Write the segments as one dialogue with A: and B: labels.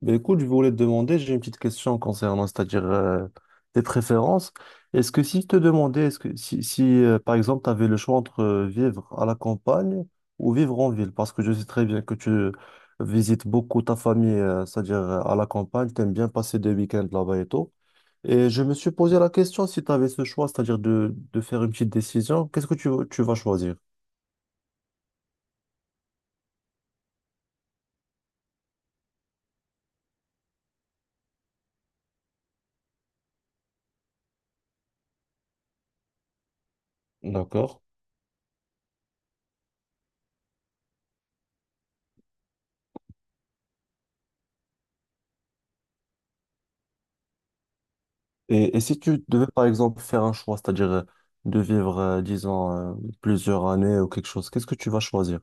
A: Ben écoute, je voulais te demander, j'ai une petite question concernant, c'est-à-dire tes préférences. Est-ce que si je te demandais, est-ce que si, si par exemple tu avais le choix entre vivre à la campagne ou vivre en ville, parce que je sais très bien que tu visites beaucoup ta famille, c'est-à-dire à la campagne, tu aimes bien passer des week-ends là-bas et tout. Et je me suis posé la question si tu avais ce choix, c'est-à-dire de faire une petite décision, qu'est-ce que tu vas choisir? D'accord. Et si tu devais, par exemple, faire un choix, c'est-à-dire de vivre, disons, plusieurs années ou quelque chose, qu'est-ce que tu vas choisir?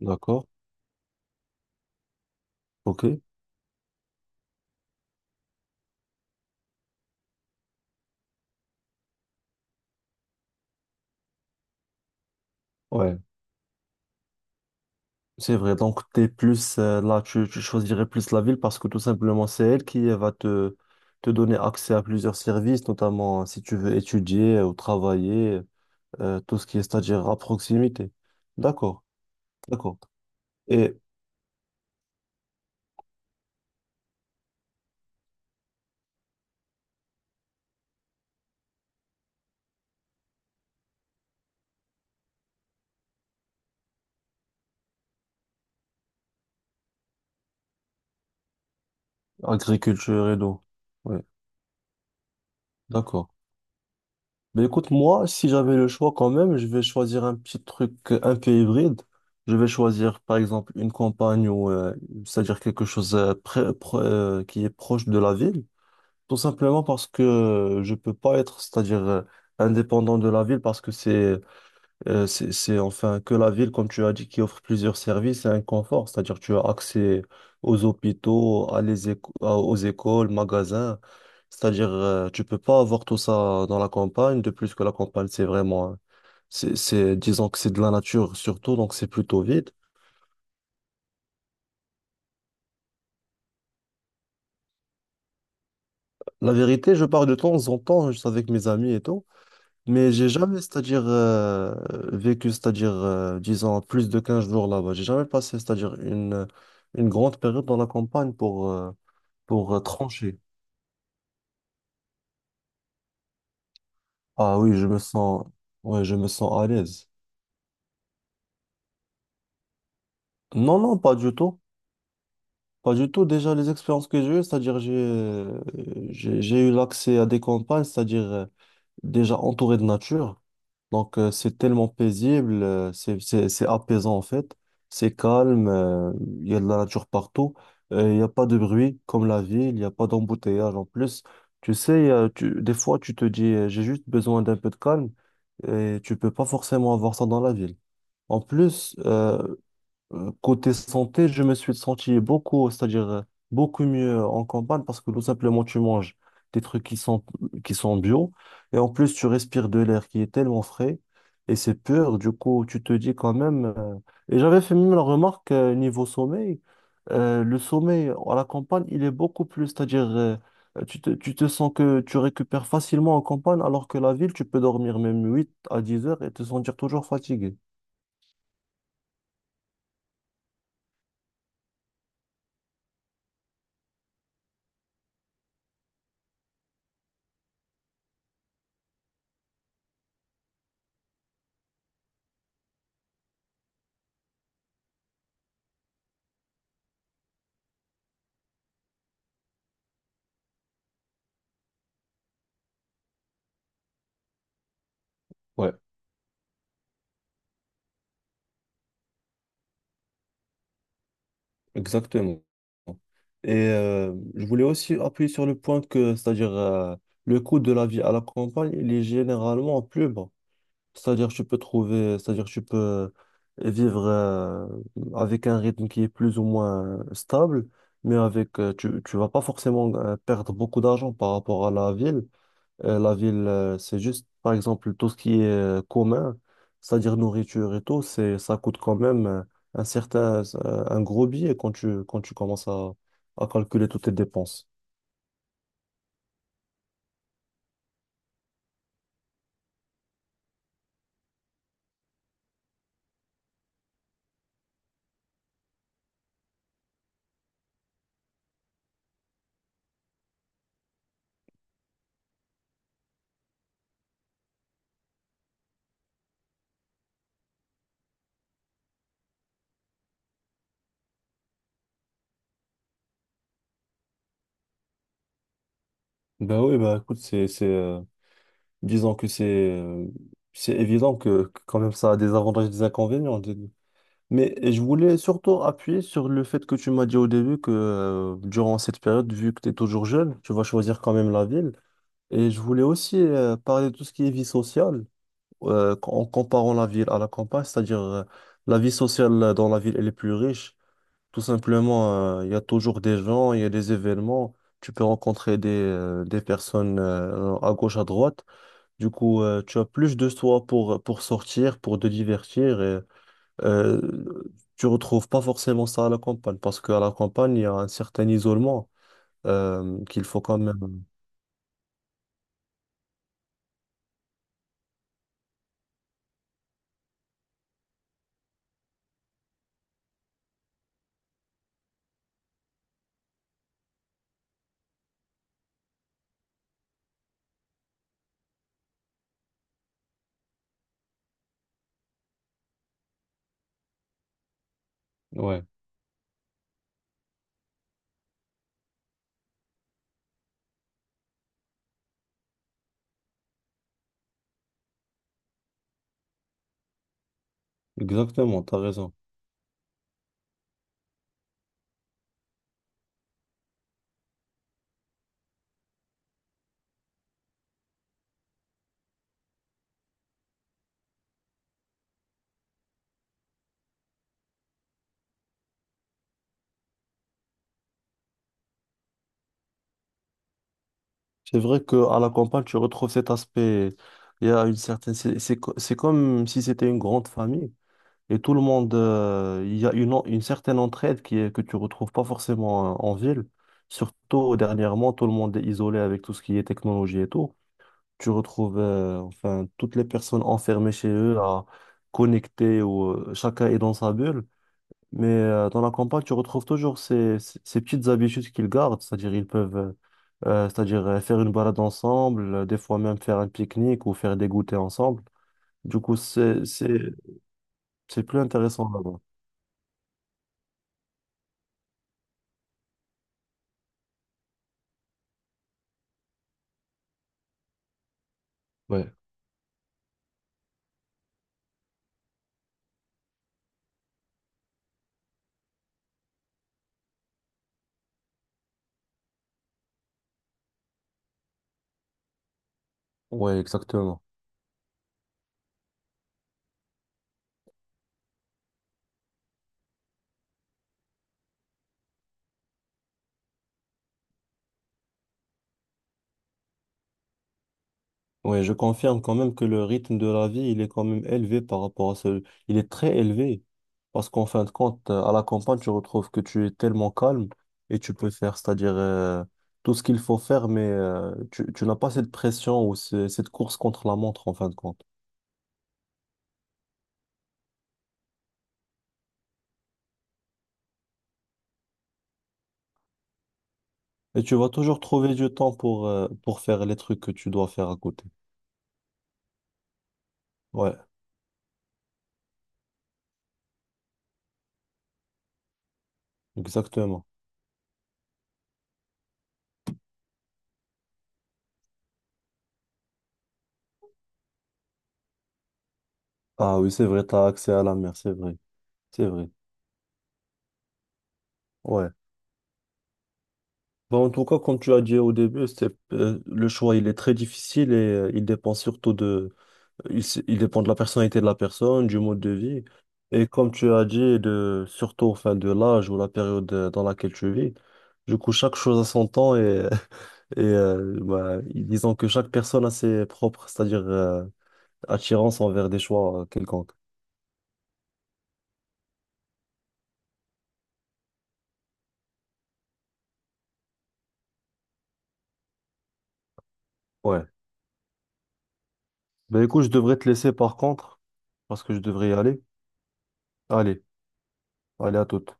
A: D'accord? Ok? Ouais. C'est vrai. Donc, t'es plus, là, tu choisirais plus la ville parce que tout simplement, c'est elle qui va te donner accès à plusieurs services, notamment si tu veux étudier ou travailler, tout ce qui est, c'est-à-dire à proximité. D'accord. D'accord. Et agriculture et tout. Ouais. D'accord. Ben écoute, moi, si j'avais le choix quand même, je vais choisir un petit truc un peu hybride. Je vais choisir, par exemple, une campagne ou, c'est-à-dire quelque chose qui est proche de la ville. Tout simplement parce que je peux pas être, c'est-à-dire indépendant de la ville parce que c'est enfin que la ville, comme tu as dit, qui offre plusieurs services et un confort, c'est-à-dire tu as accès aux hôpitaux, à les éco- à- aux écoles, magasins, c'est-à-dire tu peux pas avoir tout ça dans la campagne, de plus que la campagne c'est vraiment, hein, disons que c'est de la nature surtout, donc c'est plutôt vide. La vérité, je pars de temps en temps juste avec mes amis et tout. Mais j'ai jamais, c'est-à-dire, vécu, c'est-à-dire, disons, plus de 15 jours là-bas. J'ai jamais passé, c'est-à-dire, une grande période dans la campagne pour trancher. Ah oui, je me sens, ouais, je me sens à l'aise. Non, non, pas du tout. Pas du tout. Déjà, les expériences que j'ai eues, c'est-à-dire, j'ai eu l'accès à des campagnes, c'est-à-dire, déjà entouré de nature. Donc, c'est tellement paisible, c'est apaisant en fait. C'est calme, il y a de la nature partout. Il n'y a pas de bruit comme la ville, il n'y a pas d'embouteillage en plus. Tu sais, des fois, tu te dis, j'ai juste besoin d'un peu de calme et tu peux pas forcément avoir ça dans la ville. En plus, côté santé, je me suis senti beaucoup, c'est-à-dire beaucoup mieux en campagne parce que tout simplement tu manges des trucs qui sont bio et en plus tu respires de l'air qui est tellement frais et c'est pur. Du coup, tu te dis quand même. Et j'avais fait même la remarque niveau sommeil, le sommeil à la campagne il est beaucoup plus, c'est-à-dire tu te sens que tu récupères facilement en campagne alors que la ville tu peux dormir même 8 à 10 heures et te sentir toujours fatigué. Ouais. Exactement. Et je voulais aussi appuyer sur le point que, c'est-à-dire, le coût de la vie à la campagne, il est généralement plus bas. C'est-à-dire, tu peux trouver, c'est-à-dire, tu peux vivre avec un rythme qui est plus ou moins stable, mais avec, tu vas pas forcément perdre beaucoup d'argent par rapport à la ville. La ville, c'est juste, par exemple, tout ce qui est commun, c'est-à-dire nourriture et tout, ça coûte quand même un certain, un gros billet quand tu commences à calculer toutes tes dépenses. Ben oui, ben écoute, disons que c'est évident que quand même ça a des avantages et des inconvénients. Mais je voulais surtout appuyer sur le fait que tu m'as dit au début que durant cette période, vu que tu es toujours jeune, tu vas choisir quand même la ville. Et je voulais aussi parler de tout ce qui est vie sociale. En comparant la ville à la campagne, c'est-à-dire la vie sociale dans la ville, elle est plus riche. Tout simplement, il y a toujours des gens, il y a des événements, tu peux rencontrer des personnes à gauche, à droite. Du coup, tu as plus de soi pour sortir, pour te divertir. Euh, Tu retrouves pas forcément ça à la campagne, parce qu'à la campagne, il y a un certain isolement qu'il faut quand même... Ouais. Exactement, tu as raison. C'est vrai qu'à la campagne, tu retrouves cet aspect. Il y a une certaine. C'est comme si c'était une grande famille et tout le monde. Il y a une certaine entraide qui est, que tu retrouves pas forcément en ville. Surtout dernièrement, tout le monde est isolé avec tout ce qui est technologie et tout. Tu retrouves enfin toutes les personnes enfermées chez eux à connecter ou chacun est dans sa bulle. Mais dans la campagne, tu retrouves toujours ces petites habitudes qu'ils gardent, c'est-à-dire ils peuvent c'est-à-dire faire une balade ensemble, des fois même faire un pique-nique ou faire des goûters ensemble. Du coup, c'est plus intéressant là-bas. Ouais, ouais, exactement. Ouais, je confirme quand même que le rythme de la vie, il est quand même élevé par rapport à ce... Il est très élevé. Parce qu'en fin de compte, à la campagne, tu retrouves que tu es tellement calme et tu peux faire, c'est-à-dire tout ce qu'il faut faire, mais tu n'as pas cette pression ou cette course contre la montre, en fin de compte. Et tu vas toujours trouver du temps pour faire les trucs que tu dois faire à côté. Ouais, exactement. Ah oui, c'est vrai, tu as accès à la mer, c'est vrai. C'est vrai. Ouais. Bon, en tout cas, comme tu as dit au début, le choix, il est très difficile et il dépend surtout il dépend de la personnalité de la personne, du mode de vie. Et comme tu as dit, de, surtout enfin, de l'âge ou la période dans laquelle tu vis. Du coup, chaque chose a son temps bah, disons que chaque personne a ses propres, c'est-à-dire attirance envers des choix quelconques. Ouais. Ben écoute, je devrais te laisser par contre, parce que je devrais y aller. Allez, allez à toute.